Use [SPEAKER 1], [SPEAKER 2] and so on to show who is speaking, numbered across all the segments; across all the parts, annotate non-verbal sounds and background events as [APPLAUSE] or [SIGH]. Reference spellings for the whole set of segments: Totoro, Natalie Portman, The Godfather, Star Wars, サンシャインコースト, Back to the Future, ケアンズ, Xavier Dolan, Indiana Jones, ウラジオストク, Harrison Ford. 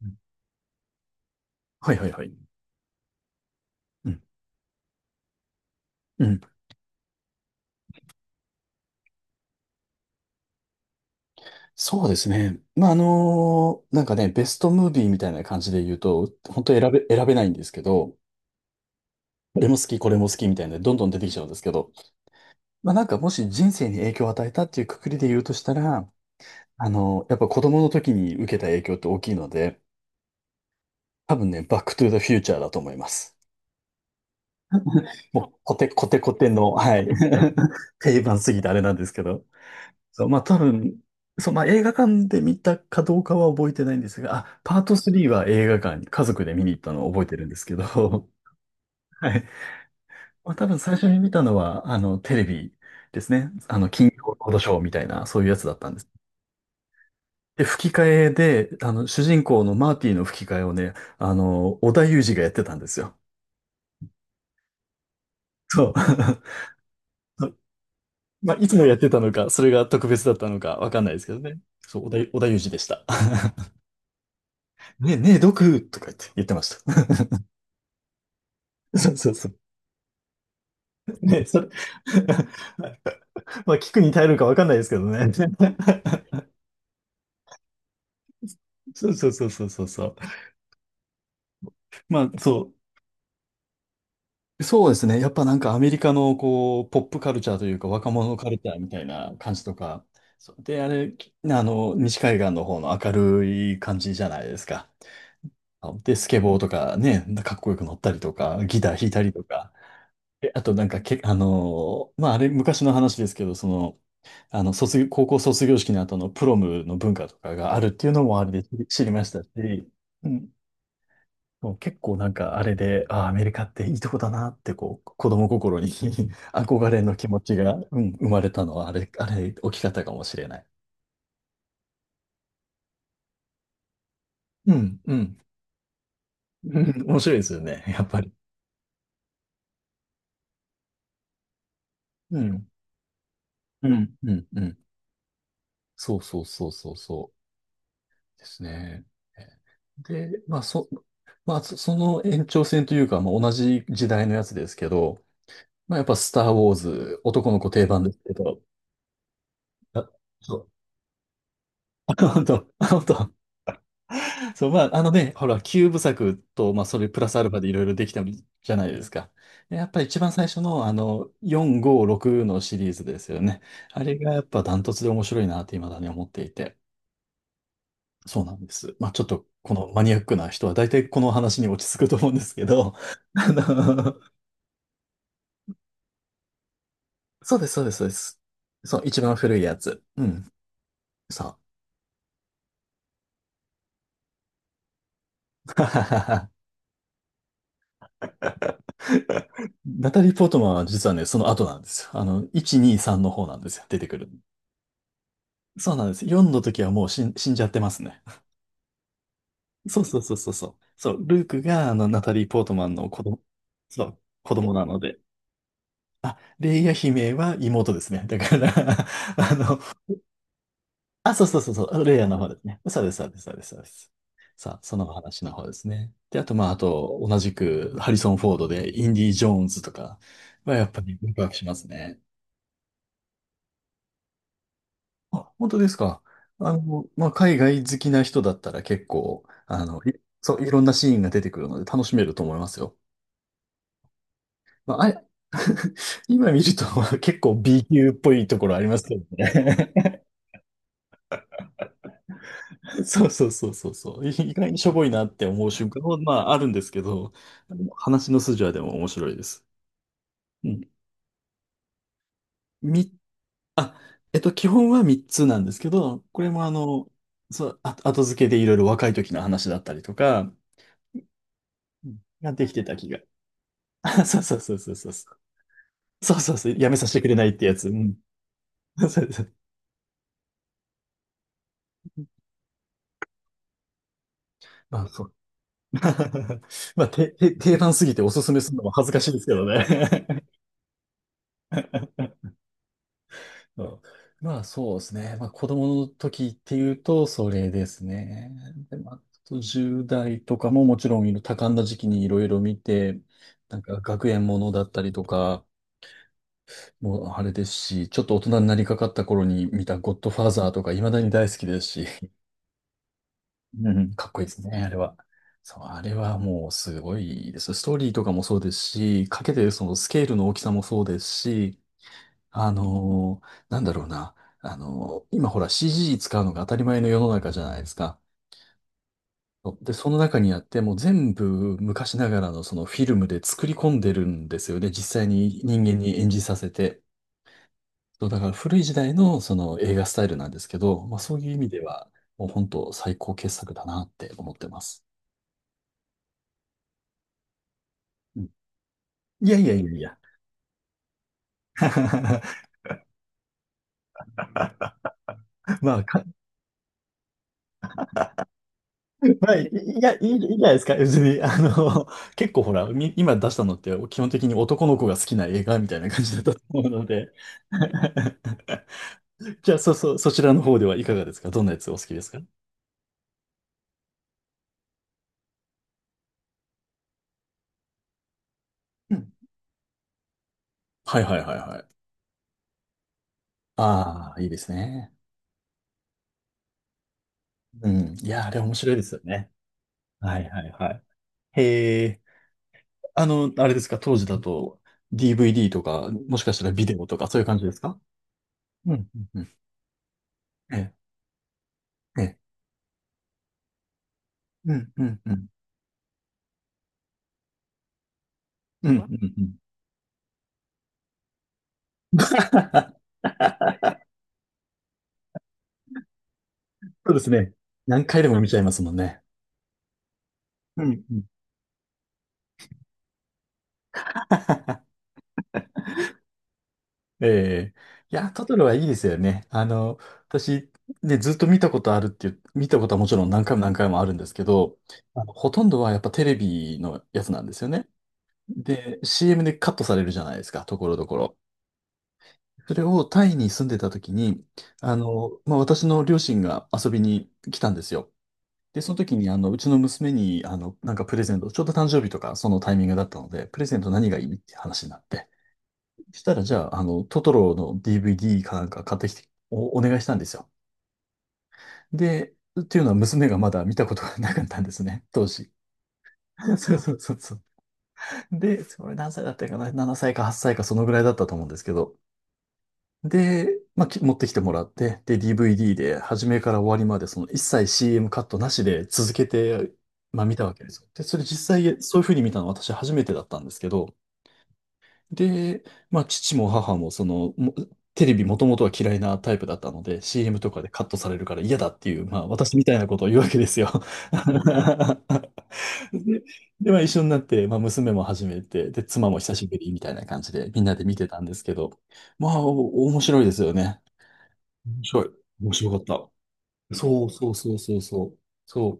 [SPEAKER 1] うんはいはいはい。うん。うん。そうですね。ベストムービーみたいな感じで言うと、本当選べないんですけど、これも好き、これも好きみたいな、どんどん出てきちゃうんですけど、まあ、なんかもし人生に影響を与えたっていうくくりで言うとしたら、やっぱ子供の時に受けた影響って大きいので、多分ね、バックトゥーザフューチャーだと思います。もう、コテコテコテの、はい。[LAUGHS] 定番すぎてあれなんですけど。そう、まあ多分、そう、まあ映画館で見たかどうかは覚えてないんですが、あ、パート3は映画館に家族で見に行ったのを覚えてるんですけど、[LAUGHS] はい。まあ多分最初に見たのは、テレビですね。金曜ロードショーみたいな、そういうやつだったんです。で、吹き替えで、主人公のマーティの吹き替えをね、織田裕二がやってたんですよ。そう。[LAUGHS] そう、まあ、いつもやってたのか、それが特別だったのか、わかんないですけどね。そう、織田裕二でした。[LAUGHS] ねえ、毒とか言ってました。[LAUGHS] そうそうそう。ね、それ。 [LAUGHS] まあ、聞くに耐えるかわかんないですけどね。[LAUGHS] そうそうそうそうそうそう。まあ、そそうですね。やっぱなんかアメリカのこう、ポップカルチャーというか若者カルチャーみたいな感じとか。そうで、あれ、き西海岸の方の明るい感じじゃないですか。で、スケボーとかね、かっこよく乗ったりとか、ギター弾いたりとか。え、あとなんかけ、あのーまあ、あれ昔の話ですけど、その、高校卒業式の後のプロムの文化とかがあるっていうのもあれで知りましたし、うん、もう結構なんかあれで、ああ、アメリカっていいとこだなってこう、子供心に [LAUGHS] 憧れの気持ちが、うん、生まれたのはあれ、大きかったかもしれない。うん、うん、うん、面白いですよね、[LAUGHS] やっぱり。うん、うん、うん、うん。そうそうそうそうそですね。で、まあ、そ、まあ、その延長線というか、まあ、同じ時代のやつですけど、まあ、やっぱスター・ウォーズ、男の子定番ですけど、あ、そう。[LAUGHS] 本当、本当。そう、ほら、キューブ作と、まあ、それプラスアルファでいろいろできたじゃないですか。でやっぱり一番最初の、4、5、6のシリーズですよね。あれがやっぱダントツで面白いなって未だに思っていて。そうなんです。まあ、ちょっと、このマニアックな人は大体この話に落ち着くと思うんですけど、[LAUGHS] あの、そうです、そうです、そうです。そう、一番古いやつ。うん。そう。[LAUGHS] ナタリー・ポートマンは実はね、その後なんですよ。あの、1、2、3の方なんですよ。出てくる。そうなんです。4の時はもう死んじゃってますね。そうそうそうそうそう。そう、ルークがあの、ナタリー・ポートマンの子供、そう、子供なので。あ、レイヤ姫は妹ですね。だから。 [LAUGHS] あの、そうそうそうそう、レイヤの方ですね。そうです、そうです、そうです、そうです。さあ、その話の方ですね。で、あと、同じく、ハリソン・フォードで、インディ・ジョーンズとかは、やっぱりワクワクしますね。あ、本当ですか。まあ、海外好きな人だったら結構、あの、いそう、いろんなシーンが出てくるので楽しめると思いますよ。まあ、あれ。 [LAUGHS] 今見ると結構 B 級っぽいところありますけどね。[LAUGHS] そうそうそうそうそう。意外にしょぼいなって思う瞬間も、まあ、あるんですけど、あの話の筋はでも面白いです。うん。み、あ、えっと、基本は3つなんですけど、これもそう、あ後付けでいろいろ若い時の話だったりとか、うんができてた気が。 [LAUGHS] そうそうそうそうそうそう。そうそうそう。やめさせてくれないってやつ。うん。[LAUGHS] そうそう、まあ、そう。[LAUGHS] まあ、定番すぎておすすめするのも恥ずかしいですけどね。[LAUGHS] うん、まあ、そうですね。まあ、子供の時っていうと、それですね。で、あと10代とかももちろん多感な時期にいろいろ見て、なんか学園ものだったりとか、もうあれですし、ちょっと大人になりかかった頃に見たゴッドファーザーとか、未だに大好きですし。うんうん、かっこいいですね、あれは。そう、あれはもうすごいです。ストーリーとかもそうですし、かけてるそのスケールの大きさもそうですし、あのーなんだろうな、あのー今ほら CG 使うのが当たり前の世の中じゃないですか。そうで、その中にあって、もう全部昔ながらのそのフィルムで作り込んでるんですよね。実際に人間に演じさせて。そう、だから古い時代のその映画スタイルなんですけど、まあそういう意味では、もう本当最高傑作だなって思ってます。いやいやいやいや。[LAUGHS] まあ、か、[LAUGHS] いいじゃないですか。別に、結構ほら、今出したのって基本的に男の子が好きな映画みたいな感じだったと思うので。[LAUGHS] じゃあ、そうそう、そちらの方ではいかがですか？どんなやつお好きですか？うん、はいはいはいはい。ああ、いいですね。うん。いや、あれ面白いですよね。はいはいはい。へえ、あの、あれですか、当時だと DVD とか、もしかしたらビデオとか、そういう感じですか？うん。うんうん、ええ、うん、うん、うん。うん、うん、うん。[LAUGHS] そうですね。何回でも見ちゃいますもんね。うん、うん。ええ、いや、トトロはいいですよね。私、ね、ずっと見たことあるっていう、見たことはもちろん何回も何回もあるんですけど、ほとんどはやっぱテレビのやつなんですよね。で、CM でカットされるじゃないですか、ところどころ。それをタイに住んでた時に、まあ、私の両親が遊びに来たんですよ。で、その時に、うちの娘に、なんかプレゼント、ちょうど誕生日とか、そのタイミングだったので、プレゼント何がいいって話になって、そしたら、じゃあ、トトロの DVD かなんか買ってきて、お願いしたんですよ。で、っていうのは娘がまだ見たことがなかったんですね、当時。[LAUGHS] そうそうそうそう。で、それ何歳だったかな？ 7 歳か8歳かそのぐらいだったと思うんですけど、で、まあ、持ってきてもらって、で、DVD で、初めから終わりまで、その一切 CM カットなしで続けて、まあ、見たわけですよ。で、それ実際、そういうふうに見たの私初めてだったんですけど、で、まあ、父も母も、テレビもともとは嫌いなタイプだったので、CM とかでカットされるから嫌だっていう、まあ、私みたいなことを言うわけですよ。[LAUGHS] で、で、まあ、一緒になって、まあ、娘も始めて、で、妻も久しぶりみたいな感じで、みんなで見てたんですけど、面白いですよね。面白い。面白かった。そうそうそうそうそう。そ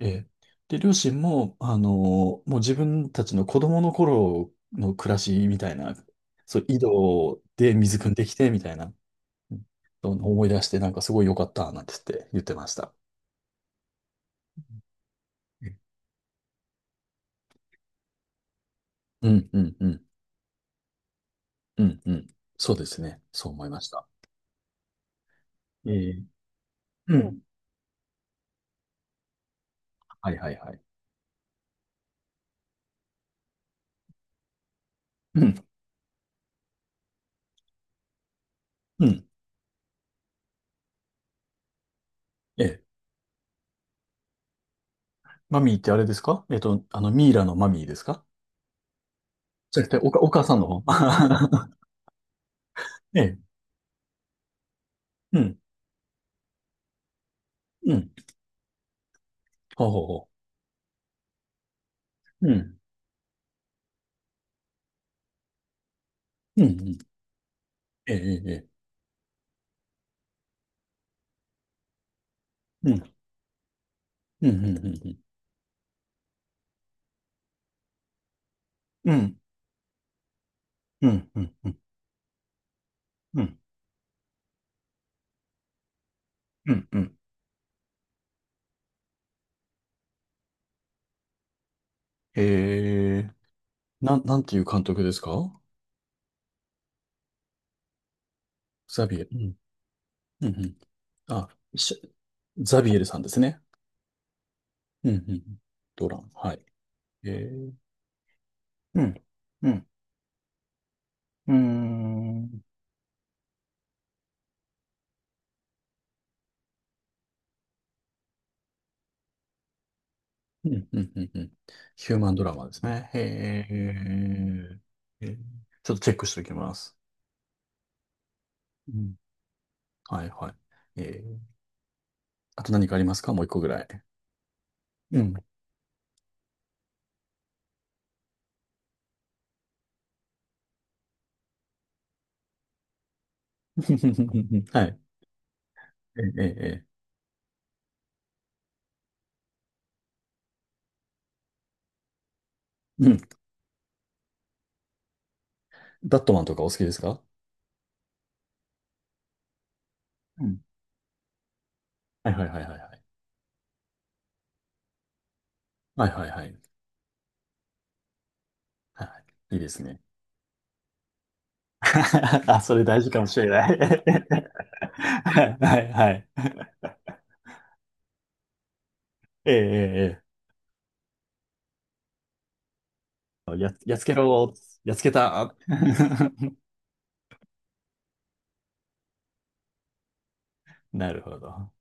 [SPEAKER 1] う。えー、で、両親も、もう自分たちの子供の頃の暮らしみたいな、そう、井戸で水汲んできて、みたいな、うん、そう思い出して、なんかすごい良かった、なんて言ってました。うん、うん、うん、うん、うん。そうですね。そう思いました。えー、うん。はいはいはい。うん、うん。えー、マミーってあれですか？えっと、あの、ミイラのマミーですか？じゃなくて、お母さんの方。[LAUGHS] ええ、うん、うん、ほうほうほう。うん、うん、うん、ええ、ええ、ええ、うん、うん、うん、うん、うん、うん、うん、うん、うん、うん、ええ、なんていう監督ですか？ザビエル。うん、うん、うん。あ、しザビエルさんですね。うん、うんうん。ドラン、はい。ええ、うん、うん、うーん、うん、うん、うん、うん。ヒューマンドラマですね。へえ、ええ、ちょっとチェックしておきます。うん、はい、はい。ええ、あと何かありますか？もう一個ぐらい。うん。[LAUGHS] はい。ええ、ええ、ええ、うん。ダットマンとかお好きですか？うん。はいはいはいはいはい。はいはいはい。はい、いいですね。[LAUGHS] あ、それ大事かもしれない。[LAUGHS] はいはいはい。ええ、ええ、ええ、やっつけろ、やっつけた。[LAUGHS] なるほど。